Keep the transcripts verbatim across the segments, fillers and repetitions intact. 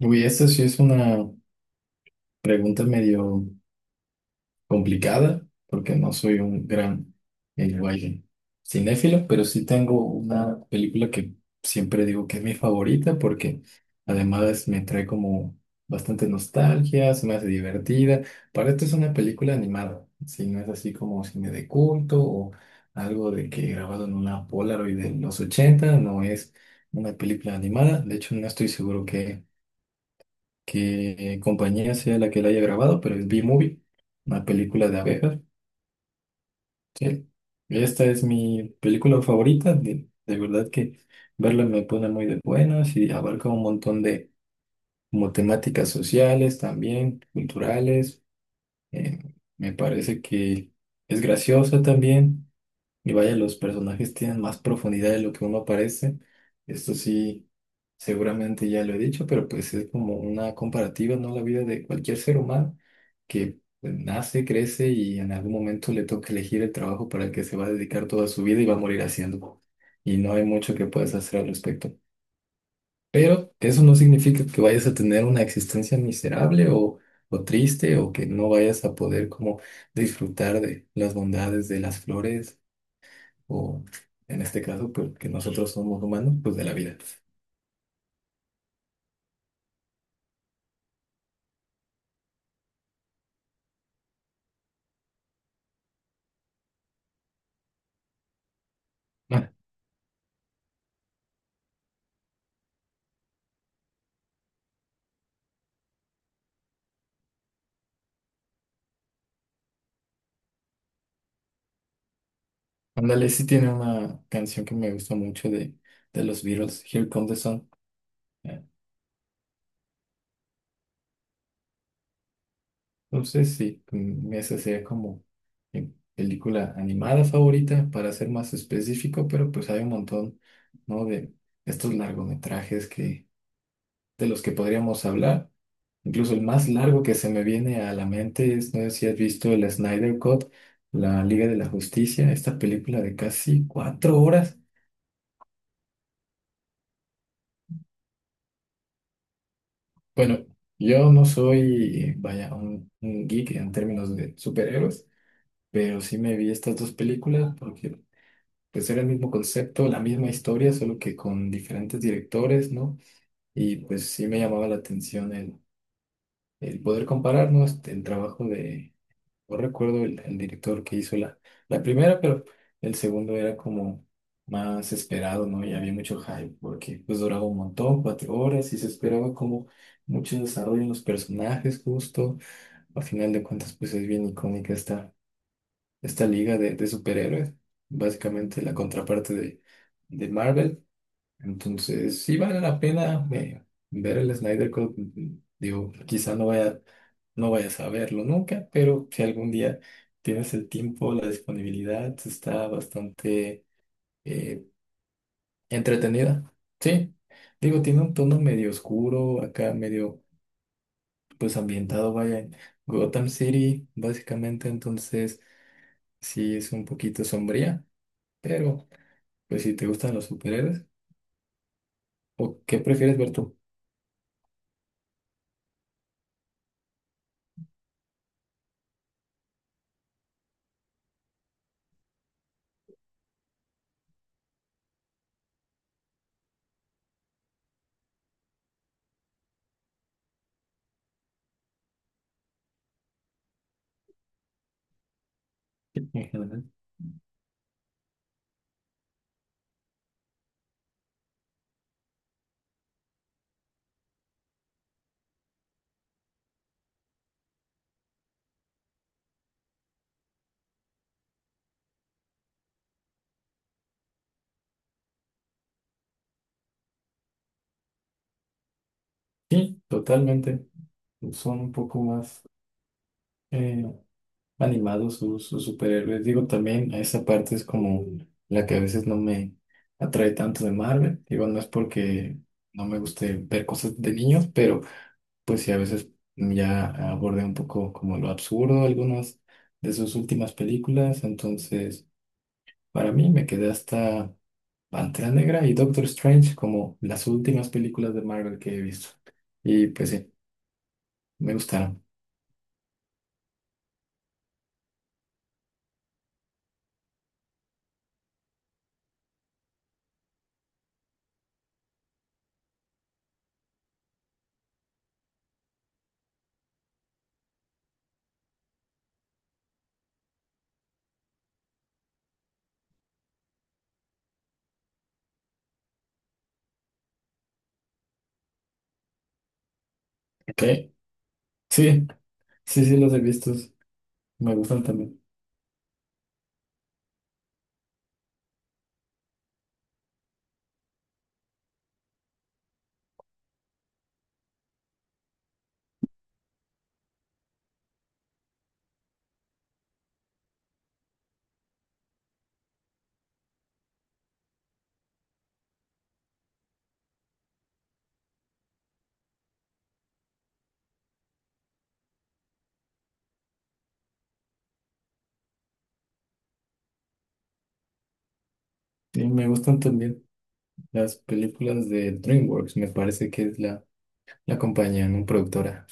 Uy, esta sí es una pregunta medio complicada, porque no soy un gran eh, vaya, cinéfilo, pero sí tengo una película que siempre digo que es mi favorita, porque además me trae como bastante nostalgia, se me hace divertida. Para esto es una película animada, si no es así como cine de culto o algo de que grabado en una Polaroid de los ochenta no es una película animada. De hecho, no estoy seguro qué compañía sea la que la haya grabado, pero es B-Movie, una película de abejas. Sí. Esta es mi película favorita, de, de verdad que verla me pone muy de buenas y abarca un montón de como temáticas sociales también, culturales. eh, Me parece que es graciosa también. Y vaya, los personajes tienen más profundidad de lo que uno parece. Esto sí, seguramente ya lo he dicho, pero pues es como una comparativa, ¿no? La vida de cualquier ser humano que pues, nace, crece y en algún momento le toca elegir el trabajo para el que se va a dedicar toda su vida y va a morir haciendo. Y no hay mucho que puedas hacer al respecto. Pero eso no significa que vayas a tener una existencia miserable o, o triste o que no vayas a poder como disfrutar de las bondades de las flores o en este caso, pues que nosotros somos humanos, pues de la vida. Ah, ándale, sí tiene una canción que me gusta mucho de, de los Beatles, Here Comes the Sun. Eh, Entonces, sí, mm, esa sería como mi película animada favorita, para ser más específico, pero pues hay un montón, ¿no? De estos largometrajes que, de los que podríamos hablar. Incluso el más largo que se me viene a la mente es, no sé si has visto el Snyder Cut, la Liga de la Justicia, esta película de casi cuatro horas. Bueno, yo no soy, vaya, un, un geek en términos de superhéroes, pero sí me vi estas dos películas porque pues era el mismo concepto, la misma historia, solo que con diferentes directores, ¿no? Y pues sí me llamaba la atención el, el poder comparar, ¿no? Este, el trabajo de no recuerdo el, el director que hizo la, la primera, pero el segundo era como más esperado, ¿no? Y había mucho hype porque pues duraba un montón, cuatro horas, y se esperaba como mucho desarrollo en los personajes justo. A final de cuentas, pues es bien icónica esta, esta liga de, de superhéroes, básicamente la contraparte de, de Marvel. Entonces, sí vale la pena eh, ver el Snyder Cut. Digo, quizá no vaya, no vayas a verlo nunca, pero si algún día tienes el tiempo, la disponibilidad, está bastante eh, entretenida. Sí, digo, tiene un tono medio oscuro, acá medio pues ambientado, vaya, en Gotham City, básicamente. Entonces, sí es un poquito sombría, pero pues si te gustan los superhéroes, ¿o qué prefieres ver tú? En general. Sí, totalmente. Son un poco más eh, animados sus, sus superhéroes. Digo, también esa parte es como la que a veces no me atrae tanto de Marvel. Digo, no es porque no me guste ver cosas de niños, pero pues sí, a veces ya abordé un poco como lo absurdo algunas de sus últimas películas. Entonces, para mí me quedé hasta Pantera Negra y Doctor Strange como las últimas películas de Marvel que he visto. Y pues sí, me gustaron. Ok, sí, sí, sí, los he visto. Me gustan también. Sí, me gustan también las películas de DreamWorks. Me parece que es la, la compañía, no productora.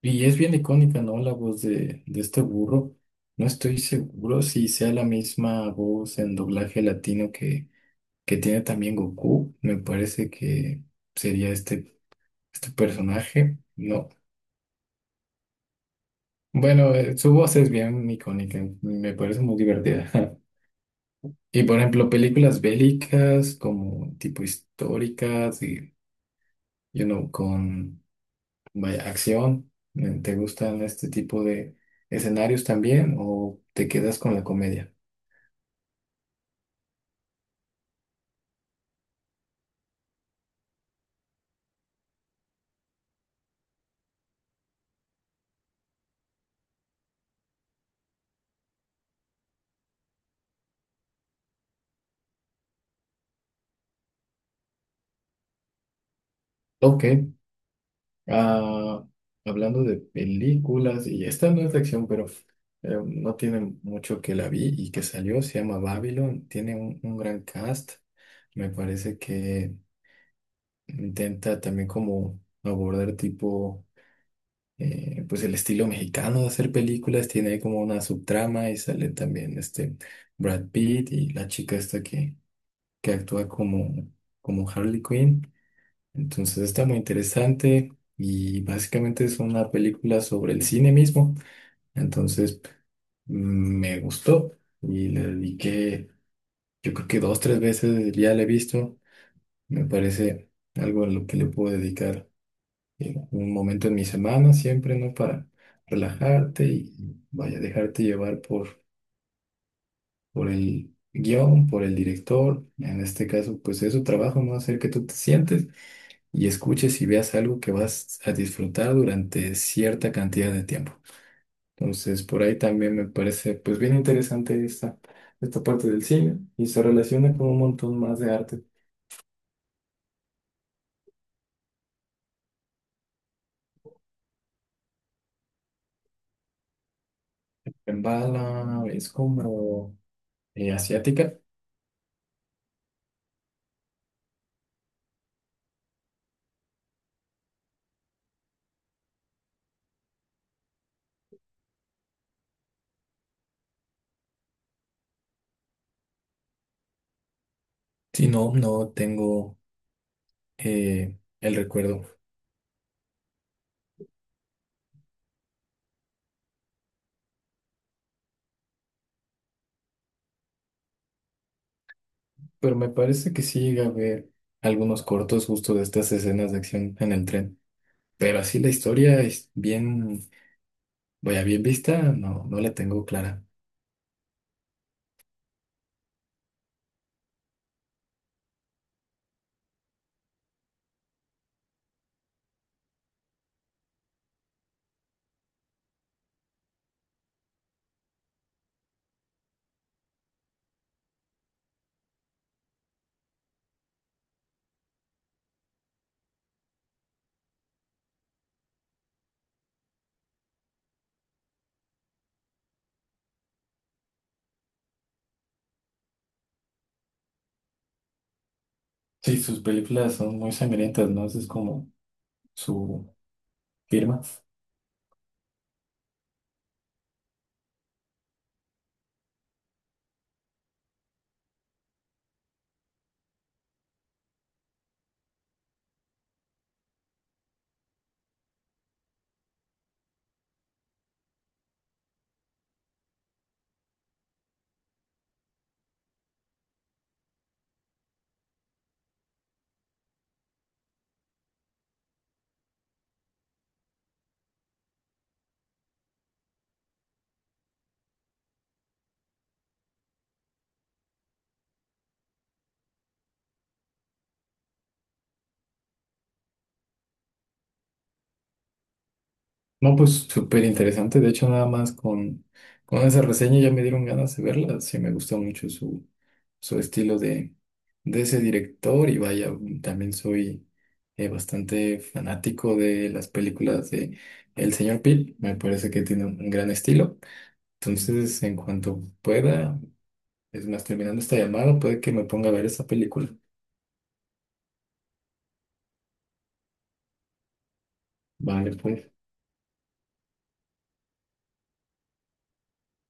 Y es bien icónica, ¿no? La voz de, de este burro. No estoy seguro si sea la misma voz en doblaje latino que, que tiene también Goku. Me parece que sería este, este personaje. No. Bueno, eh, su voz es bien icónica. Me parece muy divertida. Y por ejemplo, películas bélicas como tipo históricas y, you know, con vaya, acción, eh, ¿te gustan este tipo de escenarios también o te quedas con la comedia? Ok, ah, hablando de películas, y esta no es de acción, pero eh, no tiene mucho que la vi y que salió, se llama Babylon, tiene un, un gran cast, me parece que intenta también como abordar tipo eh, pues el estilo mexicano de hacer películas tiene como una subtrama y sale también este Brad Pitt y la chica esta que, que actúa como, como Harley Quinn. Entonces está muy interesante y básicamente es una película sobre el cine mismo. Entonces mm, me gustó y le dediqué, yo creo que dos, tres veces ya la he visto. Me parece algo a lo que le puedo dedicar eh, un momento en mi semana siempre, ¿no? Para relajarte y, vaya, dejarte llevar por, por el guión, por el director. En este caso, pues es su trabajo, ¿no? Hacer que tú te sientes y escuches y veas algo que vas a disfrutar durante cierta cantidad de tiempo. Entonces, por ahí también me parece, pues, bien interesante esta, esta parte del cine y se relaciona con un montón más de arte. En bala es como eh, asiática. Si no, no tengo eh, el recuerdo. Pero me parece que sí llega a ver algunos cortos justo de estas escenas de acción en el tren. Pero así la historia es bien, vaya, bien vista, no, no la tengo clara. Sí, sus películas son muy sangrientas, ¿no? Esa es como su firma. No, pues súper interesante. De hecho, nada más con, con esa reseña ya me dieron ganas de verla. Sí, me gustó mucho su, su estilo de, de ese director. Y vaya, también soy eh, bastante fanático de las películas de El Señor Pil. Me parece que tiene un gran estilo. Entonces, en cuanto pueda, es más, terminando esta llamada, puede que me ponga a ver esa película. Vale, pues.